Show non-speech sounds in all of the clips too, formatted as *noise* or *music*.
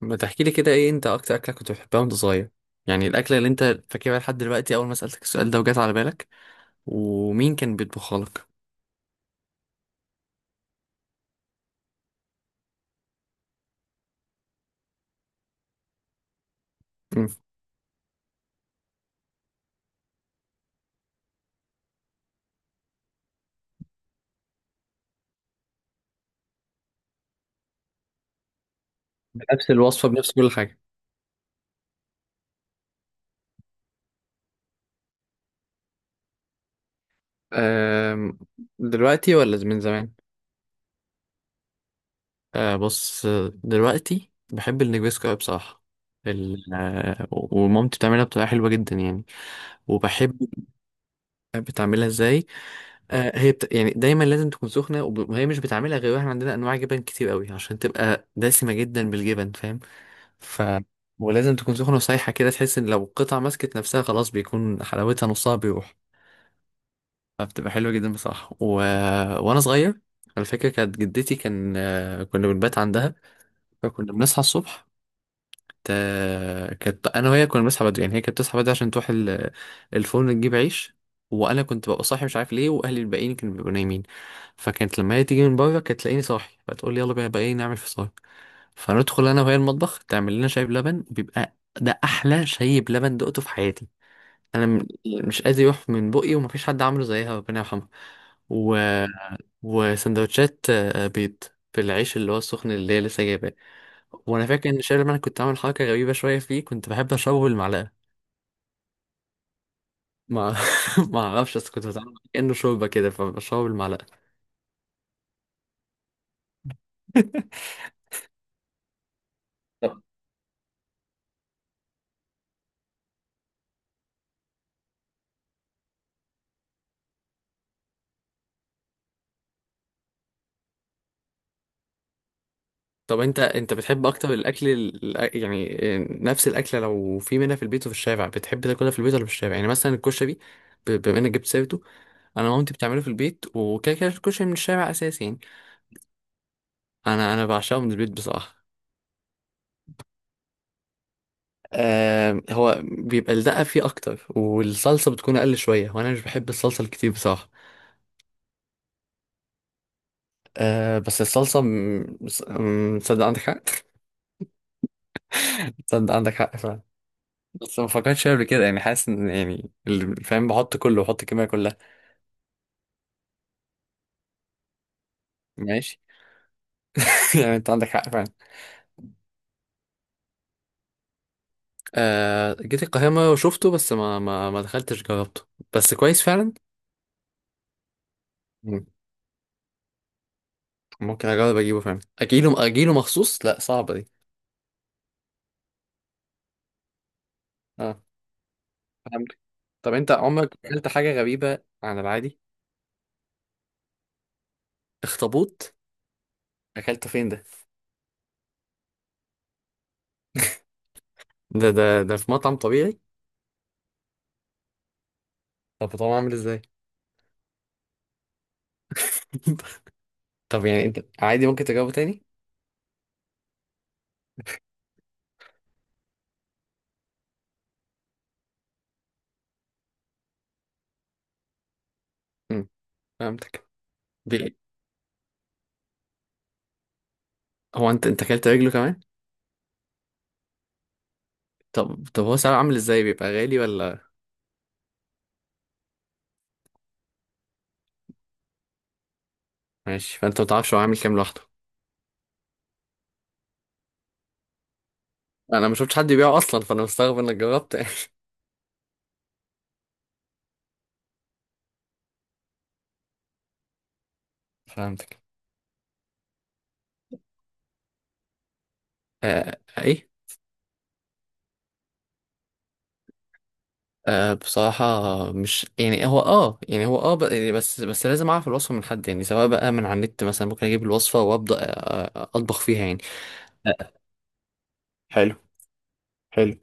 ما تحكي لي كده، ايه انت اكتر اكله كنت بتحبها وانت صغير؟ يعني الاكله اللي انت فاكرها لحد دلوقتي اول ما سالتك السؤال ده وجات على بالك؟ ومين كان بيطبخها لك؟ مم. بنفس الوصفه، بنفس كل حاجه؟ أم، دلوقتي ولا من زمان؟ أه بص، دلوقتي بحب النجريسكو أوي بصراحه. ال... آه، ومامتي بتعملها بطريقه حلوه جدا يعني. وبحب. بتعملها ازاي؟ يعني دايما لازم تكون سخنه وهي مش بتعملها غير احنا عندنا انواع جبن كتير قوي عشان تبقى دسمه جدا بالجبن، فاهم؟ ف ولازم تكون سخنة وسايحة كده، تحس ان لو القطعة مسكت نفسها خلاص بيكون حلاوتها نصها بيروح. فبتبقى حلوة جدا بصراحة و... وانا صغير على فكرة كانت جدتي، كان آه، كنا بنبات عندها. فكنا بنصحى الصبح. كانت انا وهي كنا بنصحى بدري، يعني هي كانت بتصحى بدري عشان تروح الفرن تجيب عيش، وانا كنت ببقى صاحي مش عارف ليه، واهلي الباقيين كانوا بيبقوا نايمين. فكانت لما هي تيجي من بره كانت تلاقيني صاحي فتقول لي يلا بقى بقى ايه نعمل فطار. فندخل انا وهي المطبخ تعمل لنا شاي بلبن، بيبقى ده احلى شاي بلبن دقته في حياتي. انا مش قادر يروح من بقي، ومفيش حد عامله زيها، ربنا يرحمها. و... وسندوتشات بيض في العيش اللي هو السخن اللي هي لسه جايباه. وانا فاكر ان شاي لما كنت عامل حركه غريبه شويه فيه، كنت بحب اشربه بالمعلقه. ما *laughs* ما اعرفش، بس كنت بتعامل معاه كانه شوربه كده فبشربه بالمعلقه. *laughs* طب. طب انت بتحب اكتر الاكل يعني نفس الاكله، لو في منها في البيت وفي الشارع بتحب تاكلها في البيت ولا في الشارع؟ يعني مثلا الكشري، بما انك جبت سيرته. انا مامتي بتعمله في البيت، وكده كده الكشري من الشارع اساسي يعني. انا بعشقه من البيت بصراحه. آه، هو بيبقى الدقه فيه اكتر والصلصه بتكون اقل شويه، وانا مش بحب الصلصه الكتير بصراحه. أه، بس الصلصة تصدق عندك حق. *laughs* تصدق عندك حق فعلا. بس ما فكرتش فيها قبل كده، يعني حاسس ان يعني اللي فاهم بحط كله، بحط الكمية كلها. ماشي. *laughs* يعني انت عندك حق فعلا. أه جيت القاهرة مرة وشفته، بس ما دخلتش جربته. بس كويس فعلا. مم. ممكن اجرب اجيبه فعلا، اجيله اجيله مخصوص، لا صعبة دي. اه فهمت. طب انت عمرك اكلت حاجة غريبة عن العادي؟ اخطبوط؟ اكلته فين ده؟ *laughs* ده في مطعم طبيعي؟ طب طبعا عامل ازاي؟ *laughs* طب يعني انت عادي ممكن تجاوبه تاني؟ امم، فهمتك. بي... هو انت اكلت رجله كمان؟ طب هو سعره عامل ازاي، بيبقى غالي ولا؟ ماشي. فانت ما تعرفش هو عامل كام لوحده؟ انا ما شفتش حد يبيعه اصلا، فانا مستغرب انك جربت. *laughs* فهمتك. آه... ايه. آه بصراحة، مش يعني هو اه يعني هو يعني بس لازم اعرف الوصفة من حد، يعني سواء بقى من على النت مثلا ممكن اجيب الوصفة وابدا اطبخ فيها يعني. آه، حلو. حلو.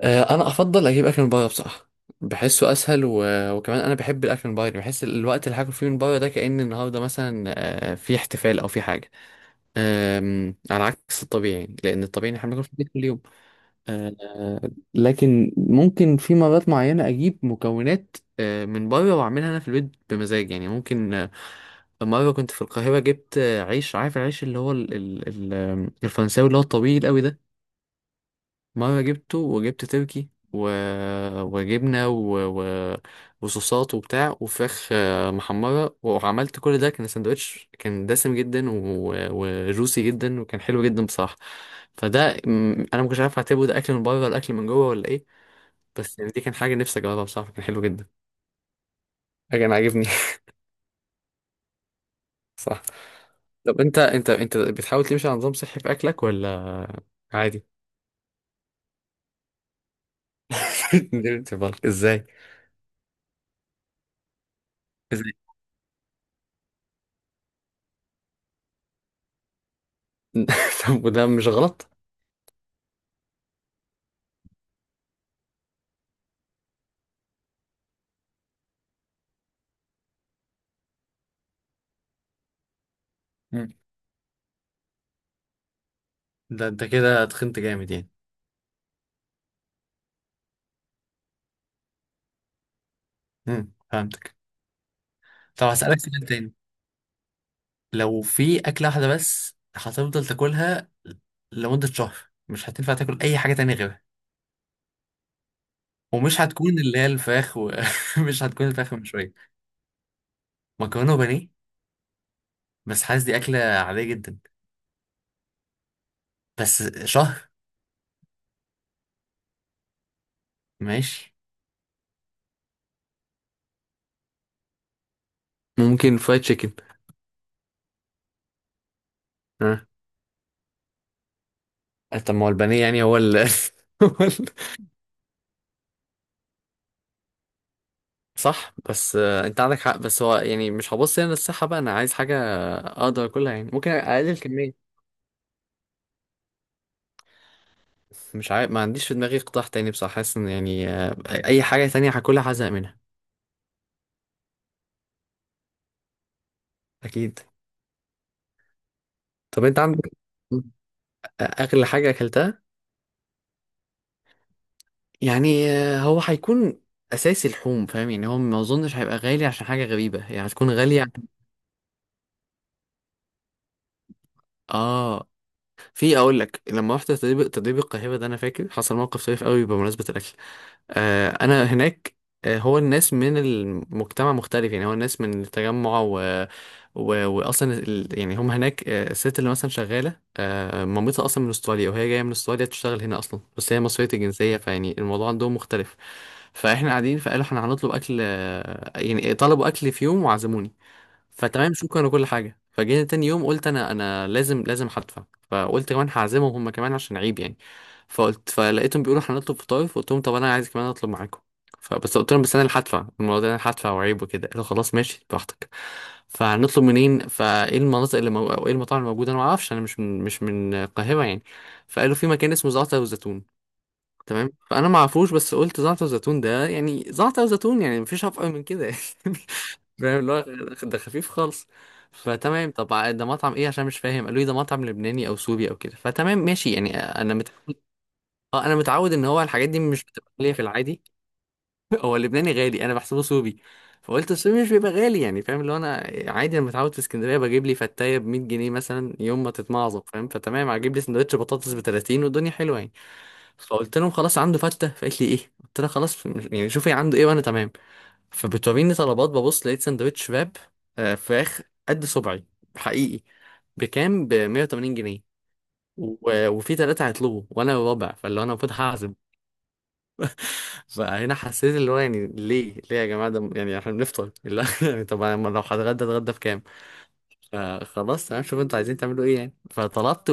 انا افضل اجيب اكل من بره بصراحه، بحسه اسهل و... وكمان انا بحب الاكل من بره، يعني بحس الوقت اللي هاكل فيه من بره ده كأن النهارده مثلا في احتفال او في حاجه، على عكس الطبيعي، لان الطبيعي إن احنا بناكل في البيت كل يوم. لكن ممكن في مرات معينه اجيب مكونات من بره واعملها انا في البيت بمزاج، يعني ممكن. مره كنت في القاهره، جبت عيش، عارف العيش اللي هو الفرنساوي اللي هو الطويل قوي ده؟ مرة جبته، وجبت تركي و... وجبنة و... و... وصوصات وبتاع وفراخ محمرة، وعملت كل ده، كان سندوتش كان دسم جدا و... وجوسي جدا، وكان حلو جدا بصراحة. فده م، أنا مكنتش عارف أعتبره ده أكل من بره ولا أكل من جوه ولا إيه. بس يعني دي كان حاجة نفسي أجربها بصراحة، كان حلو جدا. كان عاجبني. *laughs* صح. طب أنت بتحاول تمشي على نظام صحي في أكلك ولا عادي؟ *laughs* نمت بالك إزاي؟ إزاي؟ *laughs* طب وده مش غلط؟ ده انت كده تخنت جامد يعني. امم، فهمتك. طب هسألك سؤال تاني. لو في أكلة واحدة بس هتفضل تاكلها لمدة شهر، مش هتنفع تاكل أي حاجة تانية غيرها، ومش هتكون اللي هي الفراخ، ومش *laughs* هتكون الفراخ من شوية؟ مكرونة وبانيه؟ بس حاسس دي أكلة عادية جدا. بس شهر. ماشي. ممكن فرايد تشيكن. ها؟ طب ما هو البانيه يعني هو ال. *laughs* هو صح، بس انت عندك حق، بس هو يعني مش هبص هنا للصحة بقى، انا عايز حاجة اقدر اكلها، يعني ممكن اقلل الكمية. مش عارف، ما عنديش في دماغي قطاع تاني بصراحة، حاسس ان يعني اي حاجة تانية هاكلها هزهق منها اكيد. طب انت عندك اغلى حاجة اكلتها، يعني هو هيكون اساسي لحوم، فاهم؟ يعني هو ما اظنش هيبقى غالي عشان حاجة غريبة، يعني هتكون غالية. اه في اقول لك، لما رحت تدريب القاهره ده، انا فاكر حصل موقف طريف قوي بمناسبه الاكل. آه انا هناك، آه هو الناس من المجتمع مختلف، يعني هو الناس من التجمع و... و... يعني هم هناك آه الست اللي مثلا شغاله آه مامتها اصلا من استراليا، وهي جايه من استراليا تشتغل هنا اصلا، بس هي مصريه الجنسيه، فيعني الموضوع عندهم مختلف. فاحنا قاعدين، فقالوا احنا هنطلب اكل آه، يعني طلبوا اكل في يوم وعزموني. فتمام شكرا وكل حاجه. فجينا تاني يوم، قلت انا انا لازم هدفع، فقلت كمان هعزمهم هم كمان عشان عيب يعني. فقلت فلقيتهم بيقولوا هنطلب فطاير، فقلت لهم طب انا عايز كمان اطلب معاكم، فبس قلت لهم بس انا اللي هدفع، الموضوع ده انا اللي هدفع وعيب وكده. قالوا خلاص ماشي براحتك. فهنطلب منين؟ فايه المناطق اللي مو... او ايه المطاعم الموجوده؟ انا ما اعرفش، انا مش من القاهره يعني. فقالوا في مكان اسمه زعتر وزيتون. تمام فانا ما اعرفوش، بس قلت زعتر زيتون ده يعني زعتر زيتون، يعني مفيش افقر من كده *laughs* يعني، فاهم؟ اللي هو ده خفيف خالص. فتمام، طب ده مطعم ايه عشان مش فاهم؟ قالوا لي ده مطعم لبناني او سوري او كده. فتمام ماشي يعني انا متعود. اه انا متعود ان هو الحاجات دي مش بتبقى غاليه في العادي. *laughs* هو اللبناني غالي، انا بحسبه سوري. فقلت السوري مش بيبقى غالي يعني، فاهم؟ اللي هو انا عادي، انا متعود في اسكندريه بجيب لي فتايه ب 100 جنيه مثلا يوم ما تتمعظم، فاهم؟ فتمام هجيب لي سندوتش بطاطس ب 30 والدنيا حلوه يعني. فقلت لهم خلاص عنده فتة. فقالت لي ايه، قلت لها خلاص يعني شوفي عنده ايه وانا تمام. فبتوريني طلبات، ببص لقيت سندوتش شباب فراخ قد صبعي حقيقي بكام، ب 180 جنيه. وفي ثلاثة هيطلبوا وانا الرابع، فاللي هو انا المفروض هعزم. *laughs* فهنا حسيت اللي هو، يعني ليه ليه يا جماعة ده، يعني احنا بنفطر اللي هو *laughs* يعني، طب أنا لو هتغدى اتغدى بكام. فخلاص تمام، شوف انتوا عايزين تعملوا ايه يعني. فطلبت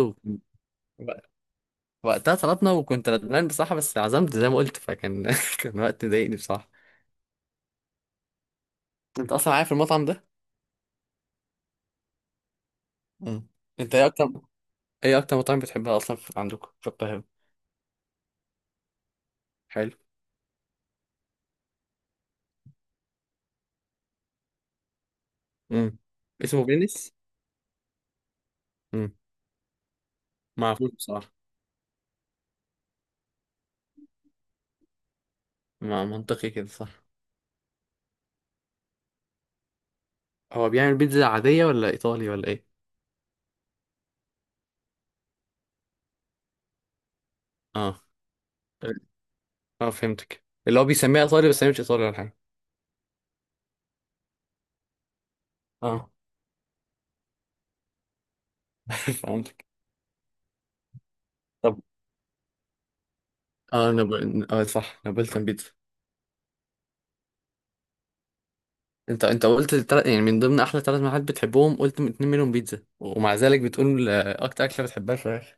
وقتها، طلبنا وكنت ندمان بصراحة، بس عزمت زي ما قلت، فكان *laughs* كان وقت مضايقني بصراحة. انت اصلا عارف المطعم ده؟ مم. انت ايه اكتر، ايه اكتر مطعم بتحبها اصلا في... عندكم في القاهرة؟ حلو. مم. اسمه فينيس. مم. ما اعرفوش بصراحة. ما منطقي كده، صح. هو بيعمل بيتزا عادية ولا ايطالي ولا ايه؟ اه. اه فهمتك، اللي هو بيسميها ايطالي بس هي مش ايطالي ولا حاجة. اه. *laughs* فهمتك. طب اه اه صح نابلتان بيتزا. انت قلت التلات، يعني من ضمن احلى ثلاث محلات بتحبهم قلت من اتنين منهم بيتزا، ومع ذلك بتقول اكتر اكله بتحبها فراخ.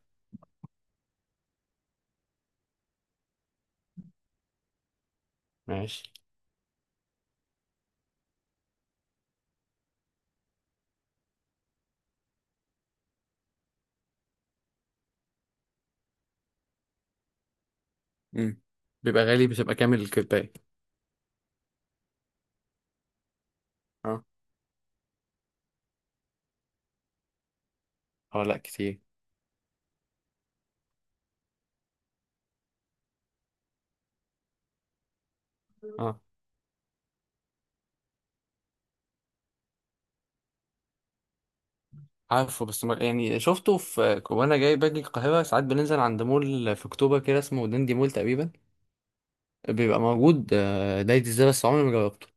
ماشي. امم. بيبقى غالي بتبقى كامل الكباية. اه. اه لا كتير. اه عارفه، بس ما يعني شفته، في وانا جاي باجي القاهرة ساعات بننزل عند مول في اكتوبر كده اسمه دندي مول تقريبا. بيبقى موجود دايت ازاي، بس عمري ما جربته.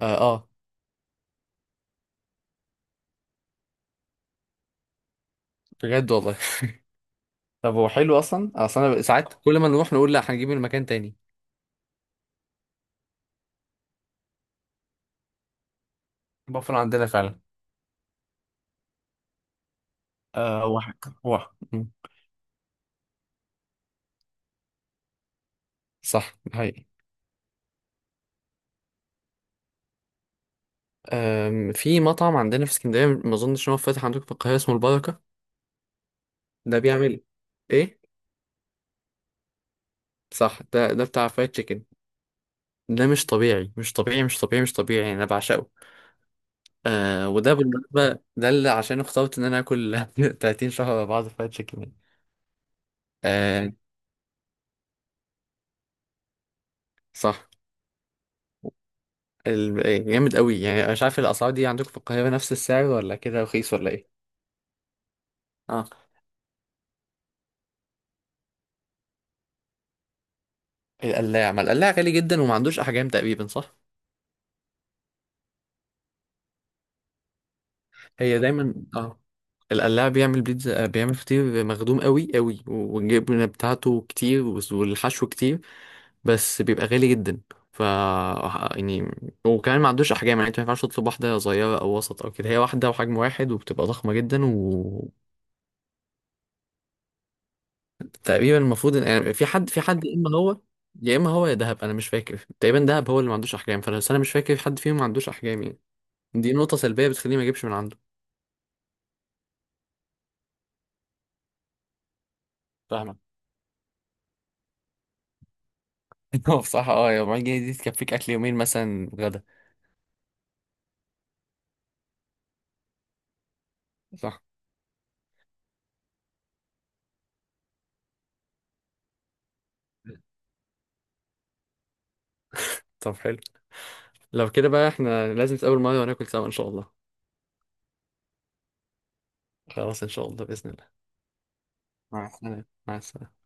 اه. اه. بجد والله. *laughs* طب هو حلو اصلا؟ اصلا انا ساعات كل ما نروح نقول لا هنجيب من مكان تاني. بفر عندنا فعلا. آه واحد. صح ده حقيقي. في مطعم عندنا في اسكندرية ما اظنش ان هو فاتح عندكم في القاهرة، اسمه البركة. ده بيعمل ايه؟ صح، ده بتاع فرايد تشيكن. ده مش طبيعي، مش طبيعي يعني انا بعشقه. آه وده بالمناسبة ده اللي عشان اخترت ان انا اكل *laughs* 30 شهر ورا بعض فرايد تشيكن. آه. صح. ال- إيه، جامد قوي يعني. انا مش عارف الاسعار دي عندكم في القاهرة نفس السعر ولا كده رخيص ولا ايه؟ اه. القلاع؟ ما القلاع غالي جدا وما عندوش احجام تقريبا، صح. هي دايما اه القلاع بيعمل بيتزا، بيعمل فطير مخدوم قوي قوي، والجبنة بتاعته كتير والحشو كتير، بس بيبقى غالي جدا. ف يعني، وكمان ما عندوش احجام، يعني انت ما ينفعش تطلب واحده صغيره او وسط او كده، هي واحده وحجم واحد وبتبقى ضخمه جدا، وتقريبا المفروض يعني في حد، يا اما هو، يا اما هو يا دهب، انا مش فاكر، تقريبا دهب هو اللي ما عندوش احجام، فانا بس أنا مش فاكر حد فيهم ما عندوش احجام يعني. دي نقطه سلبيه بتخليني ما اجيبش من عنده. فاهمك. *laughs* هو بصراحة اه، يا 400 جنيه دي تكفيك أكل يومين مثلا، غدا. صح. طب حلو، لو كده بقى احنا لازم نتقابل مرة وناكل سوا إن شاء الله. خلاص إن شاء الله بإذن الله. مع السلامة، مع السلامة.